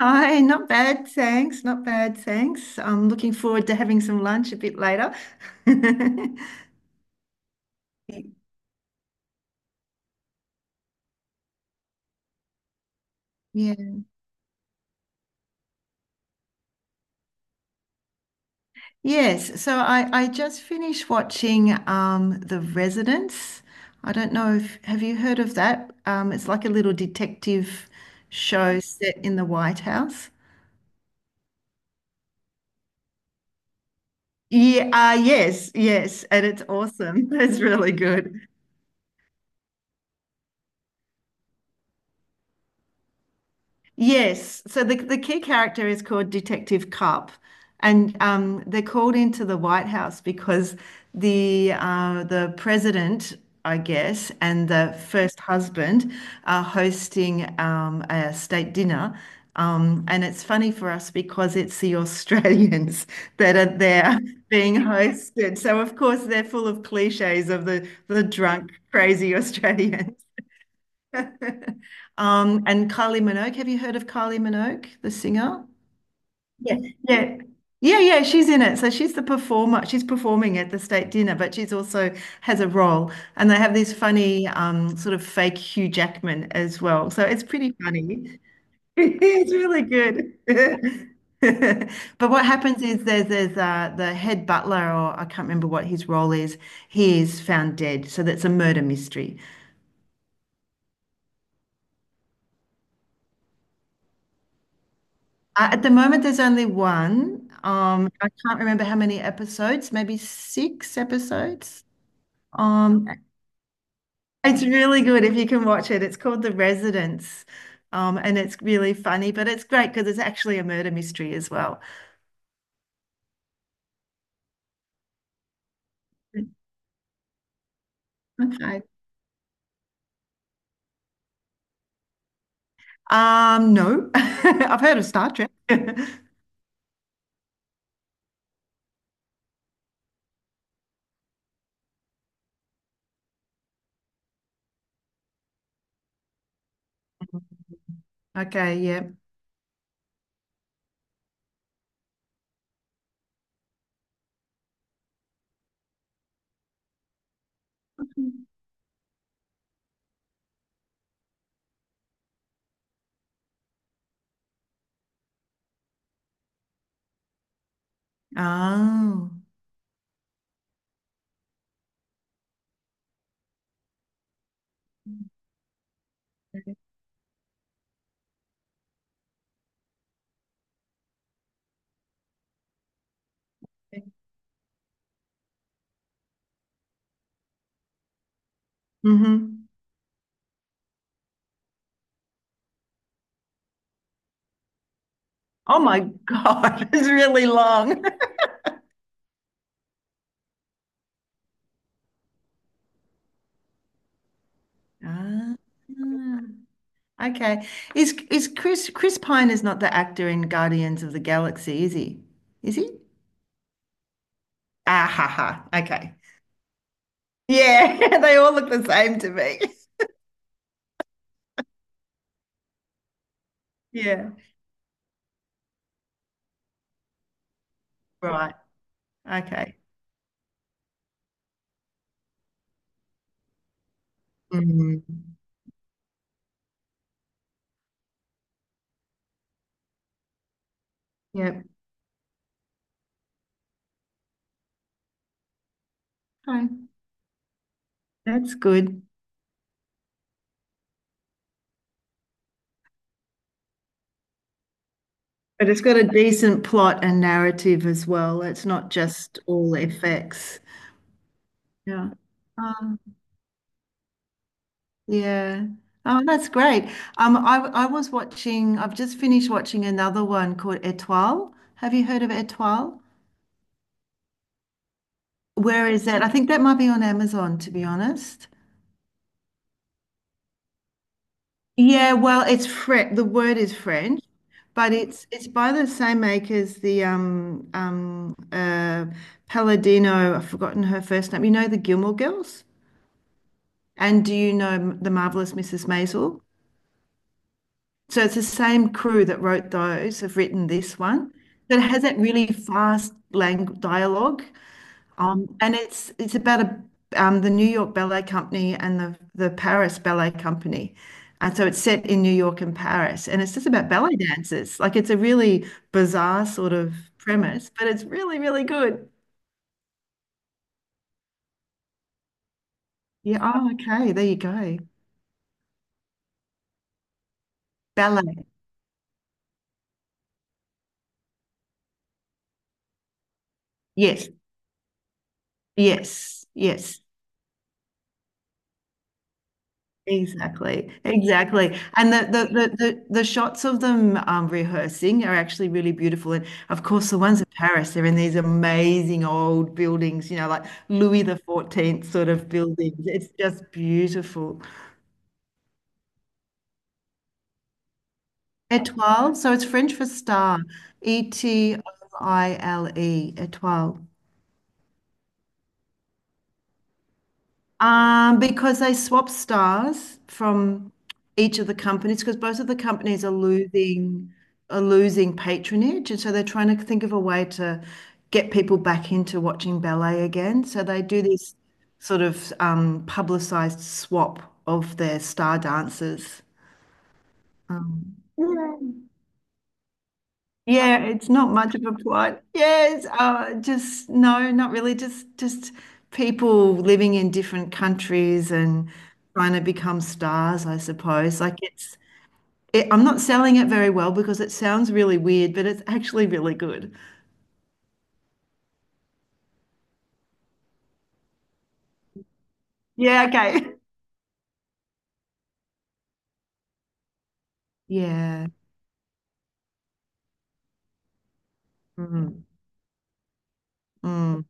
Hi, not bad, thanks. Not bad, thanks. I'm looking forward to having some lunch a bit later. Yeah. Yes. So I just finished watching The Residence. I don't know if have you heard of that? It's like a little detective show set in the White House. Yeah, yes, yes, and it's awesome. It's really good. Yes. So the key character is called Detective Cup, and they're called into the White House because the president, I guess, and the first husband are hosting a state dinner. And it's funny for us because it's the Australians that are there being hosted. So of course they're full of cliches of the drunk, crazy Australians. And Kylie Minogue. Have you heard of Kylie Minogue, the singer? Yeah. Yeah. Yeah, yeah, she's in it. So she's the performer. She's performing at the state dinner, but she's also has a role. And they have this funny sort of fake Hugh Jackman as well. So it's pretty funny. It's really good. But what happens is there's the head butler, or I can't remember what his role is. He is found dead. So that's a murder mystery. At the moment, there's only one. I can't remember how many episodes, maybe six episodes. Um, it's really good if you can watch it. It's called The Residence. And it's really funny, but it's great because it's actually a murder mystery as well. Okay. No, I've heard of Star Trek. Okay, yeah. Oh. hmm Oh my God, it's really long. Ah. Okay. Is Chris Pine is not the actor in Guardians of the Galaxy, is he? Is he? Ah ha ha. Okay. Yeah, they all look the same to me. Yeah. Right. Okay. Mm. Yep. Okay. That's good. But it's got a decent plot and narrative as well. It's not just all effects. Yeah. Um, yeah. Oh, that's great. I was watching, I've just finished watching another one called Étoile. Have you heard of Étoile? Where is that? I think that might be on Amazon, to be honest. Yeah, well, it's French. The word is French, but it's by the same makers, the Palladino, I've forgotten her first name. You know the Gilmore Girls? And do you know the Marvelous Mrs. Maisel? So it's the same crew that wrote those have written this one. That has that really fast lang dialogue. And it's about the New York Ballet Company and the Paris Ballet Company, and so it's set in New York and Paris, and it's just about ballet dancers. Like it's a really bizarre sort of premise, but it's really really good. Yeah. Oh, okay. There you go. Ballet. Yes. Yes. Yes. Exactly, exactly. And the shots of them rehearsing are actually really beautiful. And of course, the ones in Paris, they're in these amazing old buildings, you know, like Louis the 14th sort of buildings. It's just beautiful. Étoile, so it's French for star, Etoile, étoile. Because they swap stars from each of the companies, because both of the companies are losing patronage, and so they're trying to think of a way to get people back into watching ballet again. So they do this sort of publicized swap of their star dancers. Um, Yeah, it's not much of a plot. Yes, just no, not really. Just people living in different countries and trying to become stars, I suppose. Like I'm not selling it very well because it sounds really weird, but it's actually really good. Yeah, okay. Yeah. Mm, mm,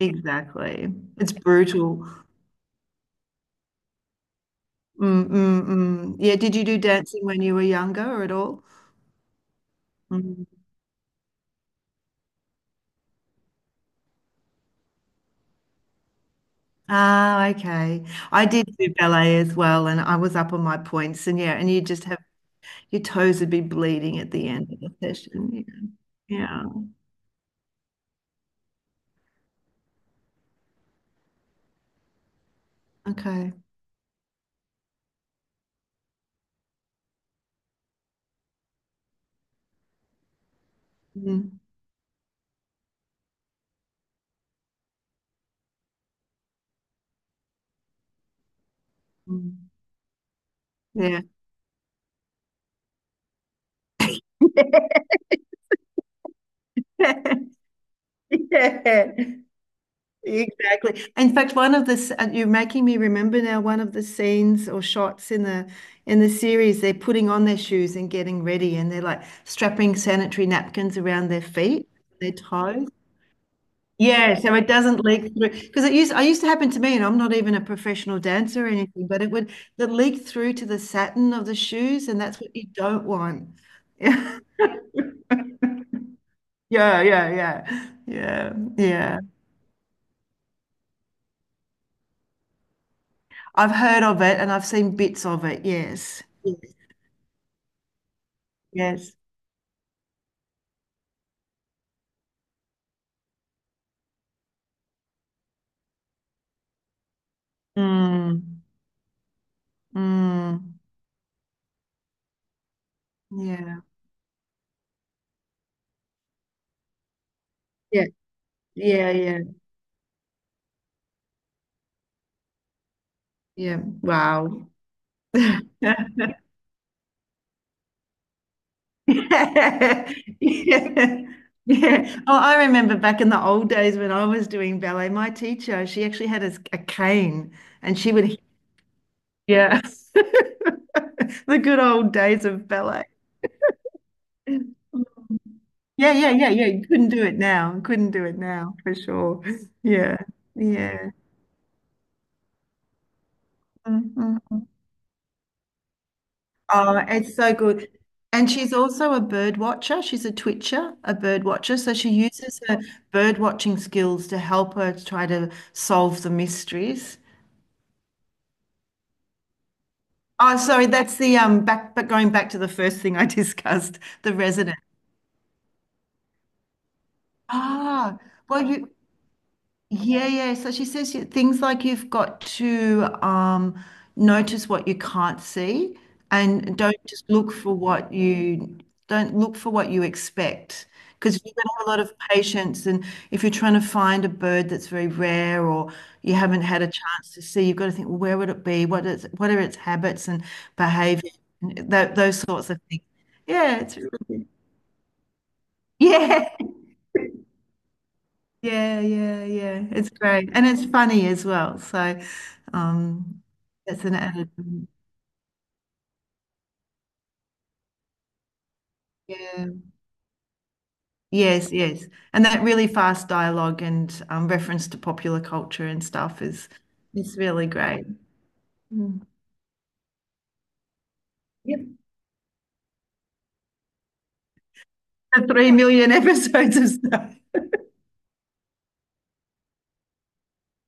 exactly. It's brutal. Mm, mm, mm. Yeah, did you do dancing when you were younger or at all? Mm. Ah, okay. I did do ballet as well, and I was up on my points, and yeah, and you just have your toes would be bleeding at the end of the session. Yeah. Yeah. Okay. Mm, mm. Yeah. Yeah, exactly. In fact, one of the you're making me remember now one of the scenes or shots in the series, they're putting on their shoes and getting ready, and they're like strapping sanitary napkins around their feet, their toes. Yeah, so it doesn't leak through because it used I used to happen to me, and I'm not even a professional dancer or anything, but it would the leak through to the satin of the shoes, and that's what you don't want. Yeah, yeah, yeah, yeah, yeah. I've heard of it and I've seen bits of it. Yes, yes, yes. Mm, mm, yeah, yeah, yeah, yeah, yeah. Wow. Yeah. Yeah. Yeah. Oh, I remember back in the old days when I was doing ballet, my teacher, she actually had a cane and she would, yeah, the good old days of ballet. Yeah, yeah, yeah, yeah. You couldn't do it now. Couldn't do it now for sure. Yeah, yeah. Mm, mm. Oh, it's so good. And she's also a bird watcher. She's a twitcher, a bird watcher. So she uses her bird watching skills to help her to try to solve the mysteries. Oh, sorry, that's the back but going back to the first thing I discussed, the resident. Ah, well you Yeah, yeah. So she says things like you've got to notice what you can't see and don't just look for what you don't look for what you expect. Because if you're going to have a lot of patience and if you're trying to find a bird that's very rare or you haven't had a chance to see, you've got to think, well, where would it be? What is, what are its habits and behavior? And those sorts of things. Yeah, it's, yeah. Yeah, yeah, yeah. It's great. And it's funny as well. So, um, that's an added, yeah. Yes, yes. And that really fast dialogue and reference to popular culture and stuff is really great. Mm. Yep. The 3 million episodes of stuff.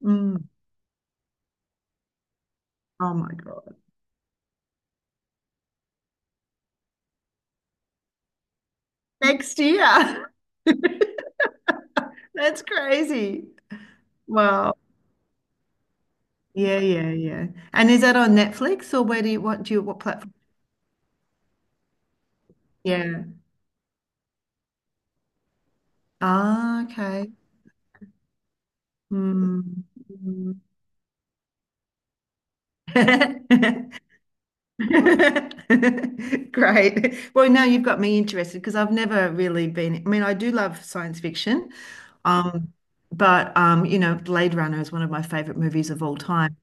Mm. Oh my God. Next year. That's crazy. Wow. Yeah, yeah, yeah. And is that on Netflix or where do you what platform? Yeah. Ah, okay. Mm, mm. Great. Well, now you've got me interested because I've never really been. I mean, I do love science fiction, um, but you know, Blade Runner is one of my favorite movies of all time.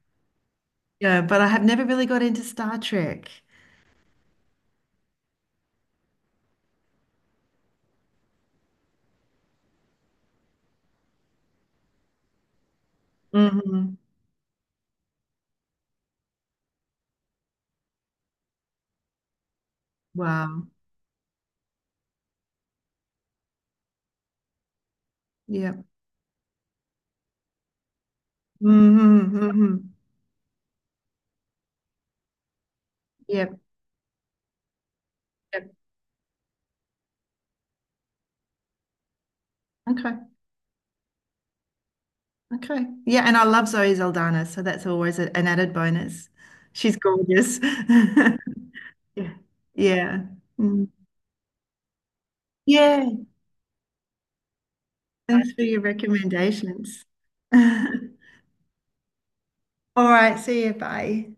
Yeah, but I have never really got into Star Trek. Hmm Wow. Yeah. Mm-hmm, hmm Yep. Yep. Okay. Okay. Yeah, and I love Zoe Saldana, so that's always an added bonus. She's gorgeous. Yeah. Yeah. Mm. Yeah. Thanks for your recommendations. All right. See you. Bye.